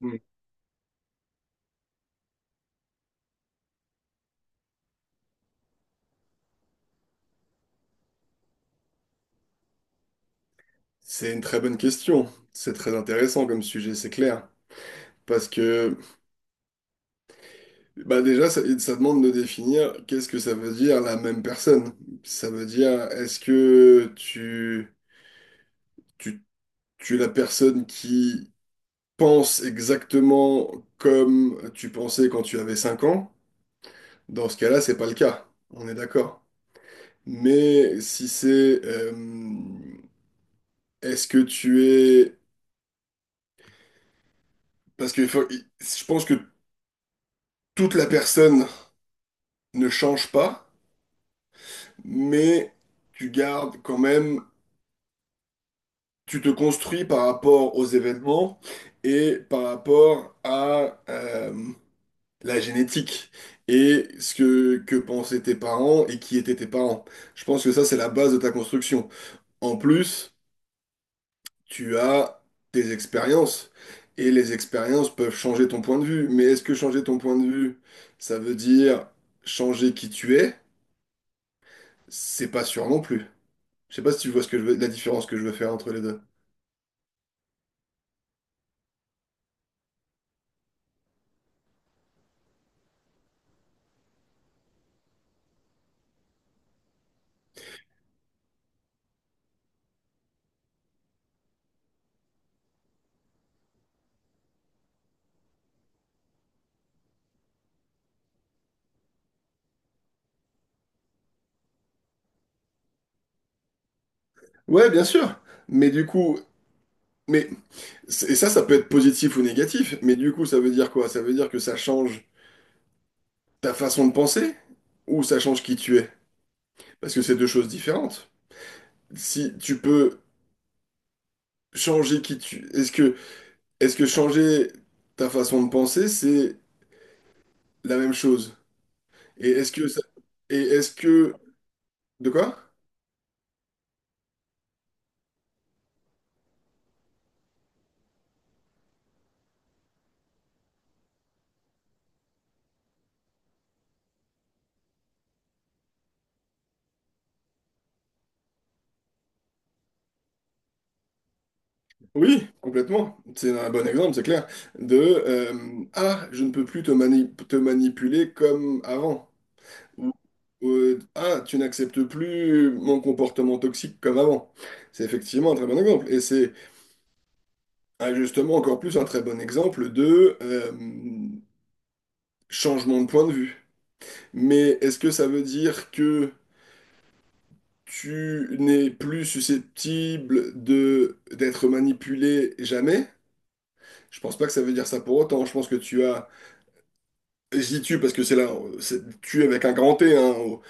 Hmm. C'est une très bonne question. C'est très intéressant comme sujet, c'est clair. Parce que bah déjà, ça demande de définir qu'est-ce que ça veut dire la même personne. Ça veut dire est-ce que tu, tu es la personne qui pense exactement comme tu pensais quand tu avais 5 ans? Dans ce cas-là, c'est pas le cas. On est d'accord. Mais si c'est est-ce que tu es... Parce que je pense que toute la personne ne change pas. Mais tu gardes quand même, tu te construis par rapport aux événements et par rapport à la génétique et ce que pensaient tes parents et qui étaient tes parents. Je pense que ça, c'est la base de ta construction. En plus, tu as tes expériences. Et les expériences peuvent changer ton point de vue. Mais est-ce que changer ton point de vue, ça veut dire changer qui tu es? C'est pas sûr non plus. Je sais pas si tu vois ce que je la différence que je veux faire entre les deux. Ouais, bien sûr. Mais du coup, mais et ça peut être positif ou négatif. Mais du coup, ça veut dire quoi? Ça veut dire que ça change ta façon de penser ou ça change qui tu es? Parce que c'est deux choses différentes. Si tu peux changer qui tu, est-ce que changer ta façon de penser, c'est la même chose? Et est-ce que ça, et est-ce que de quoi? Oui, complètement. C'est un bon exemple, c'est clair. De je ne peux plus te te manipuler comme avant. Ou- tu n'acceptes plus mon comportement toxique comme avant. C'est effectivement un très bon exemple. Et c'est ah, justement encore plus un très bon exemple de changement de point de vue. Mais est-ce que ça veut dire que tu n'es plus susceptible de d'être manipulé jamais? Je pense pas que ça veut dire ça pour autant. Je pense que tu as, je dis tu parce que c'est là, c'est tu avec un grand T, hein, au-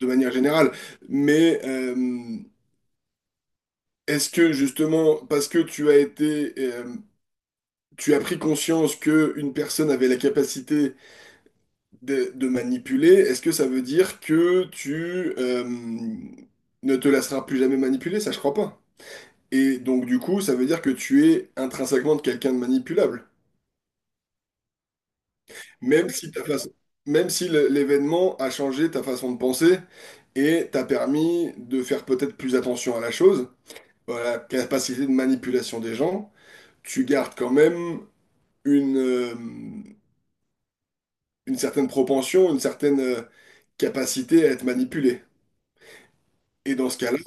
de manière générale. Mais est-ce que justement, parce que tu as été, tu as pris conscience que une personne avait la capacité de manipuler, est-ce que ça veut dire que tu ne te laisseras plus jamais manipuler? Ça, je crois pas. Et donc, du coup, ça veut dire que tu es intrinsèquement quelqu'un de manipulable, même si ta façon, même si l'événement a changé ta façon de penser et t'a permis de faire peut-être plus attention à la chose, voilà, capacité de manipulation des gens tu gardes quand même une, euh, une certaine propension, une certaine capacité à être manipulé. Et dans ce cas-là,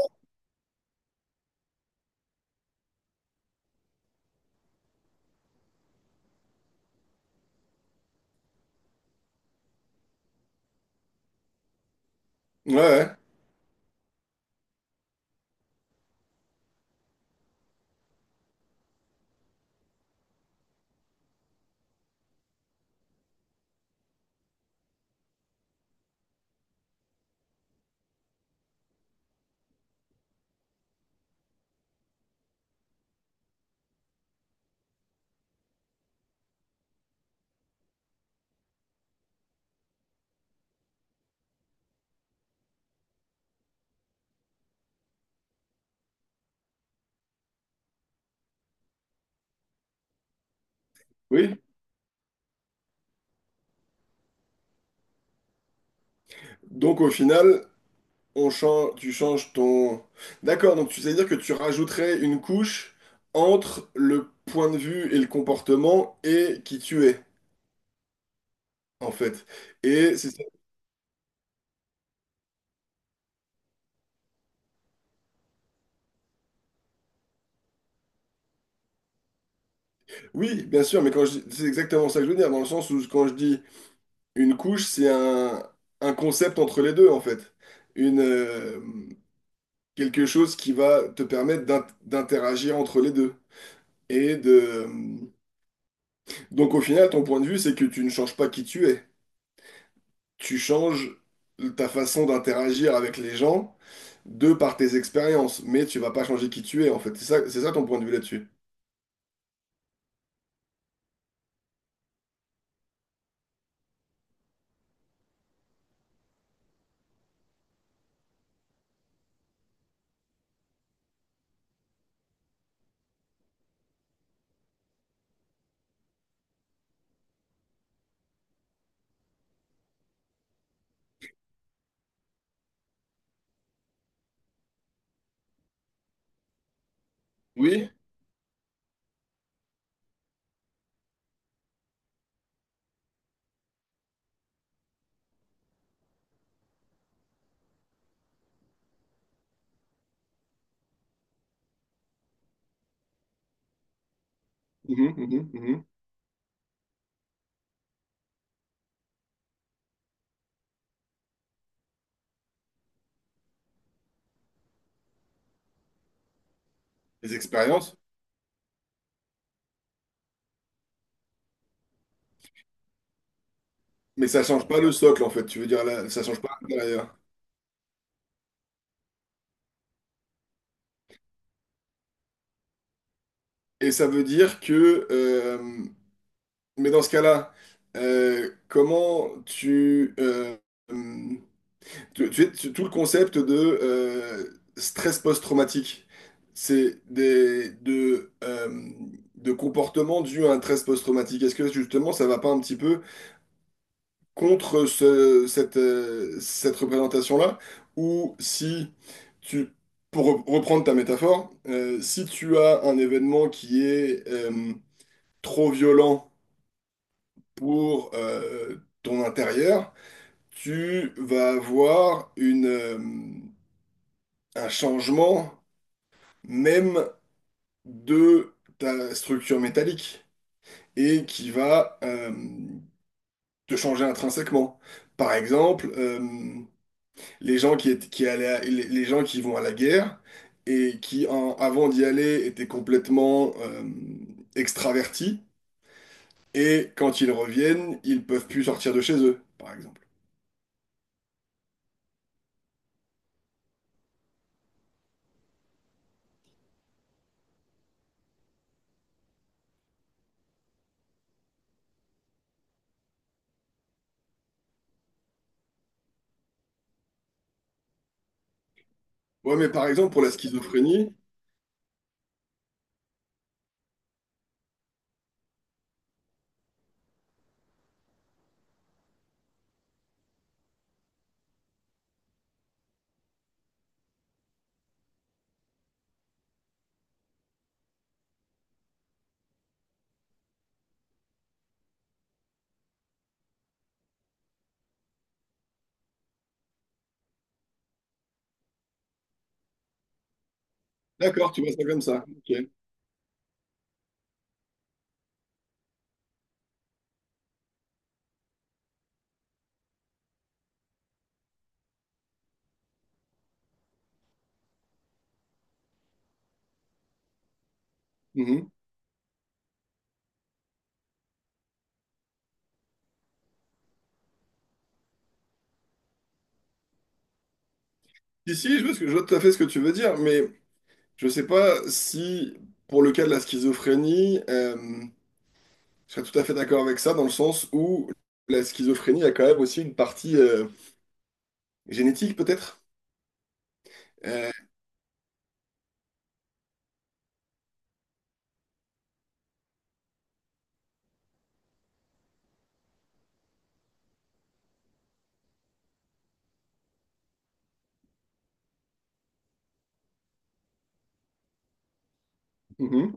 ouais, oui. Donc au final, on change, tu changes ton... D'accord, donc tu sais dire que tu rajouterais une couche entre le point de vue et le comportement et qui tu es, en fait. Et c'est ça. Oui, bien sûr, mais quand je c'est exactement ça que je veux dire, dans le sens où quand je dis une couche, c'est un concept entre les deux, en fait. Une, quelque chose qui va te permettre d'interagir entre les deux. Et de... Donc au final, ton point de vue, c'est que tu ne changes pas qui tu es. Tu changes ta façon d'interagir avec les gens de par tes expériences, mais tu vas pas changer qui tu es, en fait. C'est ça ton point de vue là-dessus. Oui. Mhm. Les expériences. Mais ça change pas le socle, en fait. Tu veux dire, là, ça change pas l'intérieur. Et ça veut dire que... mais dans ce cas-là, comment tu... tu, tu sais, tout le concept de euh, stress post-traumatique, c'est de comportements dus à un stress post-traumatique. Est-ce que justement ça va pas un petit peu contre cette, cette représentation-là? Ou si tu, pour reprendre ta métaphore, si tu as un événement qui est trop violent pour ton intérieur, tu vas avoir une, un changement même de ta structure métallique et qui va te changer intrinsèquement. Par exemple, les gens qui, qui les gens qui vont à la guerre et qui, avant d'y aller, étaient complètement extravertis et quand ils reviennent, ils peuvent plus sortir de chez eux, par exemple. Ouais, mais par exemple, pour la schizophrénie, d'accord, tu vois ça comme ça. Ok. Mhm. Si, si, je vois, ce je vois tout à fait ce que tu veux dire, mais je sais pas si, pour le cas de la schizophrénie, je serais tout à fait d'accord avec ça, dans le sens où la schizophrénie a quand même aussi une partie génétique, peut-être. Euh, mhm,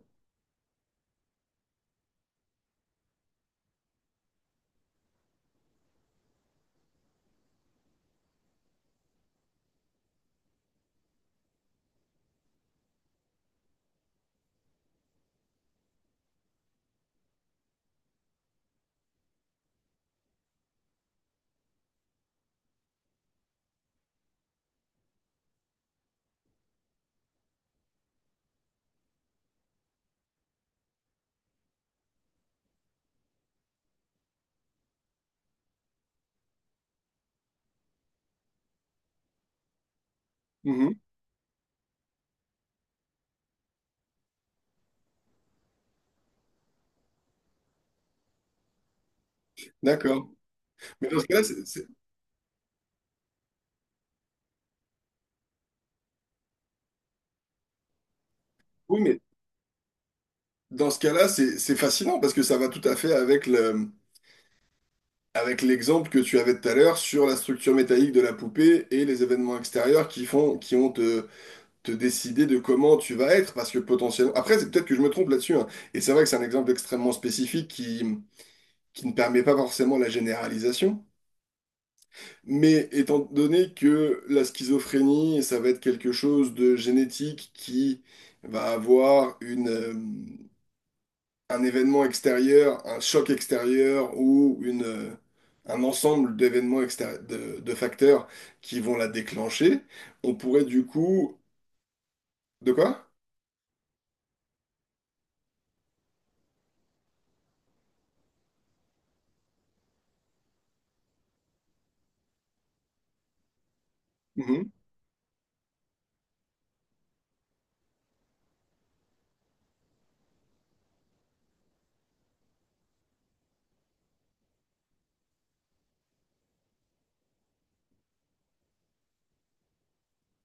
mhm, d'accord. Mais dans ce cas-là, c'est, oui, mais dans ce cas-là, c'est fascinant parce que ça va tout à fait avec le, avec l'exemple que tu avais tout à l'heure sur la structure métallique de la poupée et les événements extérieurs qui font, qui ont te décider de comment tu vas être, parce que potentiellement... Après, c'est peut-être que je me trompe là-dessus, hein. Et c'est vrai que c'est un exemple extrêmement spécifique qui ne permet pas forcément la généralisation. Mais étant donné que la schizophrénie, ça va être quelque chose de génétique qui va avoir une, un événement extérieur, un choc extérieur ou une, un ensemble d'événements extérieurs, de facteurs qui vont la déclencher, on pourrait du coup... De quoi? Mhm.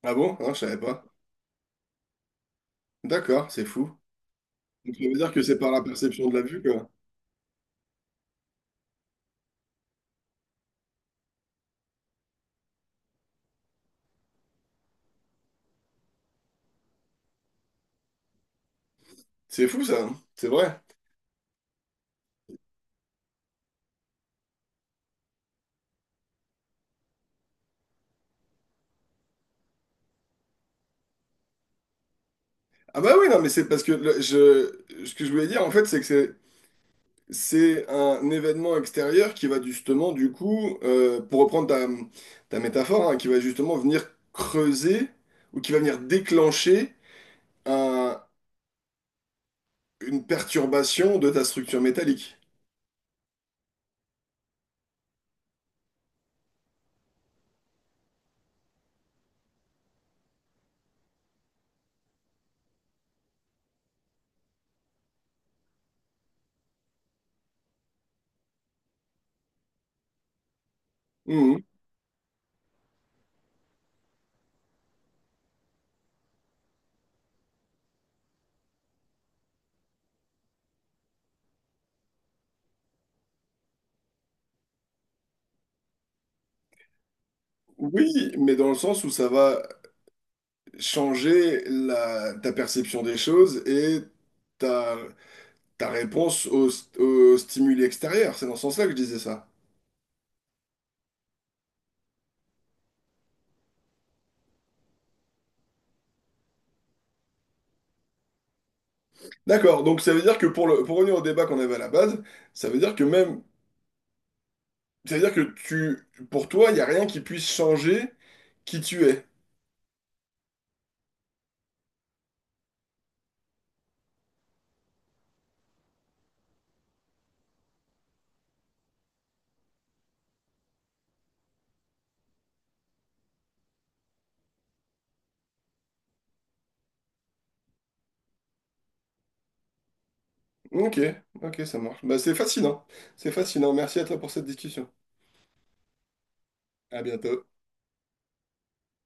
Ah bon? Ah, je savais pas. D'accord, c'est fou. Donc ça veut dire que c'est par la perception de la vue, quoi. C'est fou ça, hein c'est vrai. Ah bah oui, non, mais c'est parce que ce que je voulais dire en fait, c'est que c'est un événement extérieur qui va justement du coup, pour reprendre ta, ta métaphore, hein, qui va justement venir creuser ou qui va venir déclencher un- une perturbation de ta structure métallique. Mhm. Oui, mais dans le sens où ça va changer la, ta perception des choses et ta réponse au, au stimuli extérieur, c'est dans ce sens-là que je disais ça. D'accord, donc ça veut dire que pour le, pour revenir au débat qu'on avait à la base, ça veut dire que même, ça veut dire que tu, pour toi, il n'y a rien qui puisse changer qui tu es. Ok, ok, ça marche. Bah, c'est fascinant. C'est fascinant. Merci à toi pour cette discussion. À bientôt.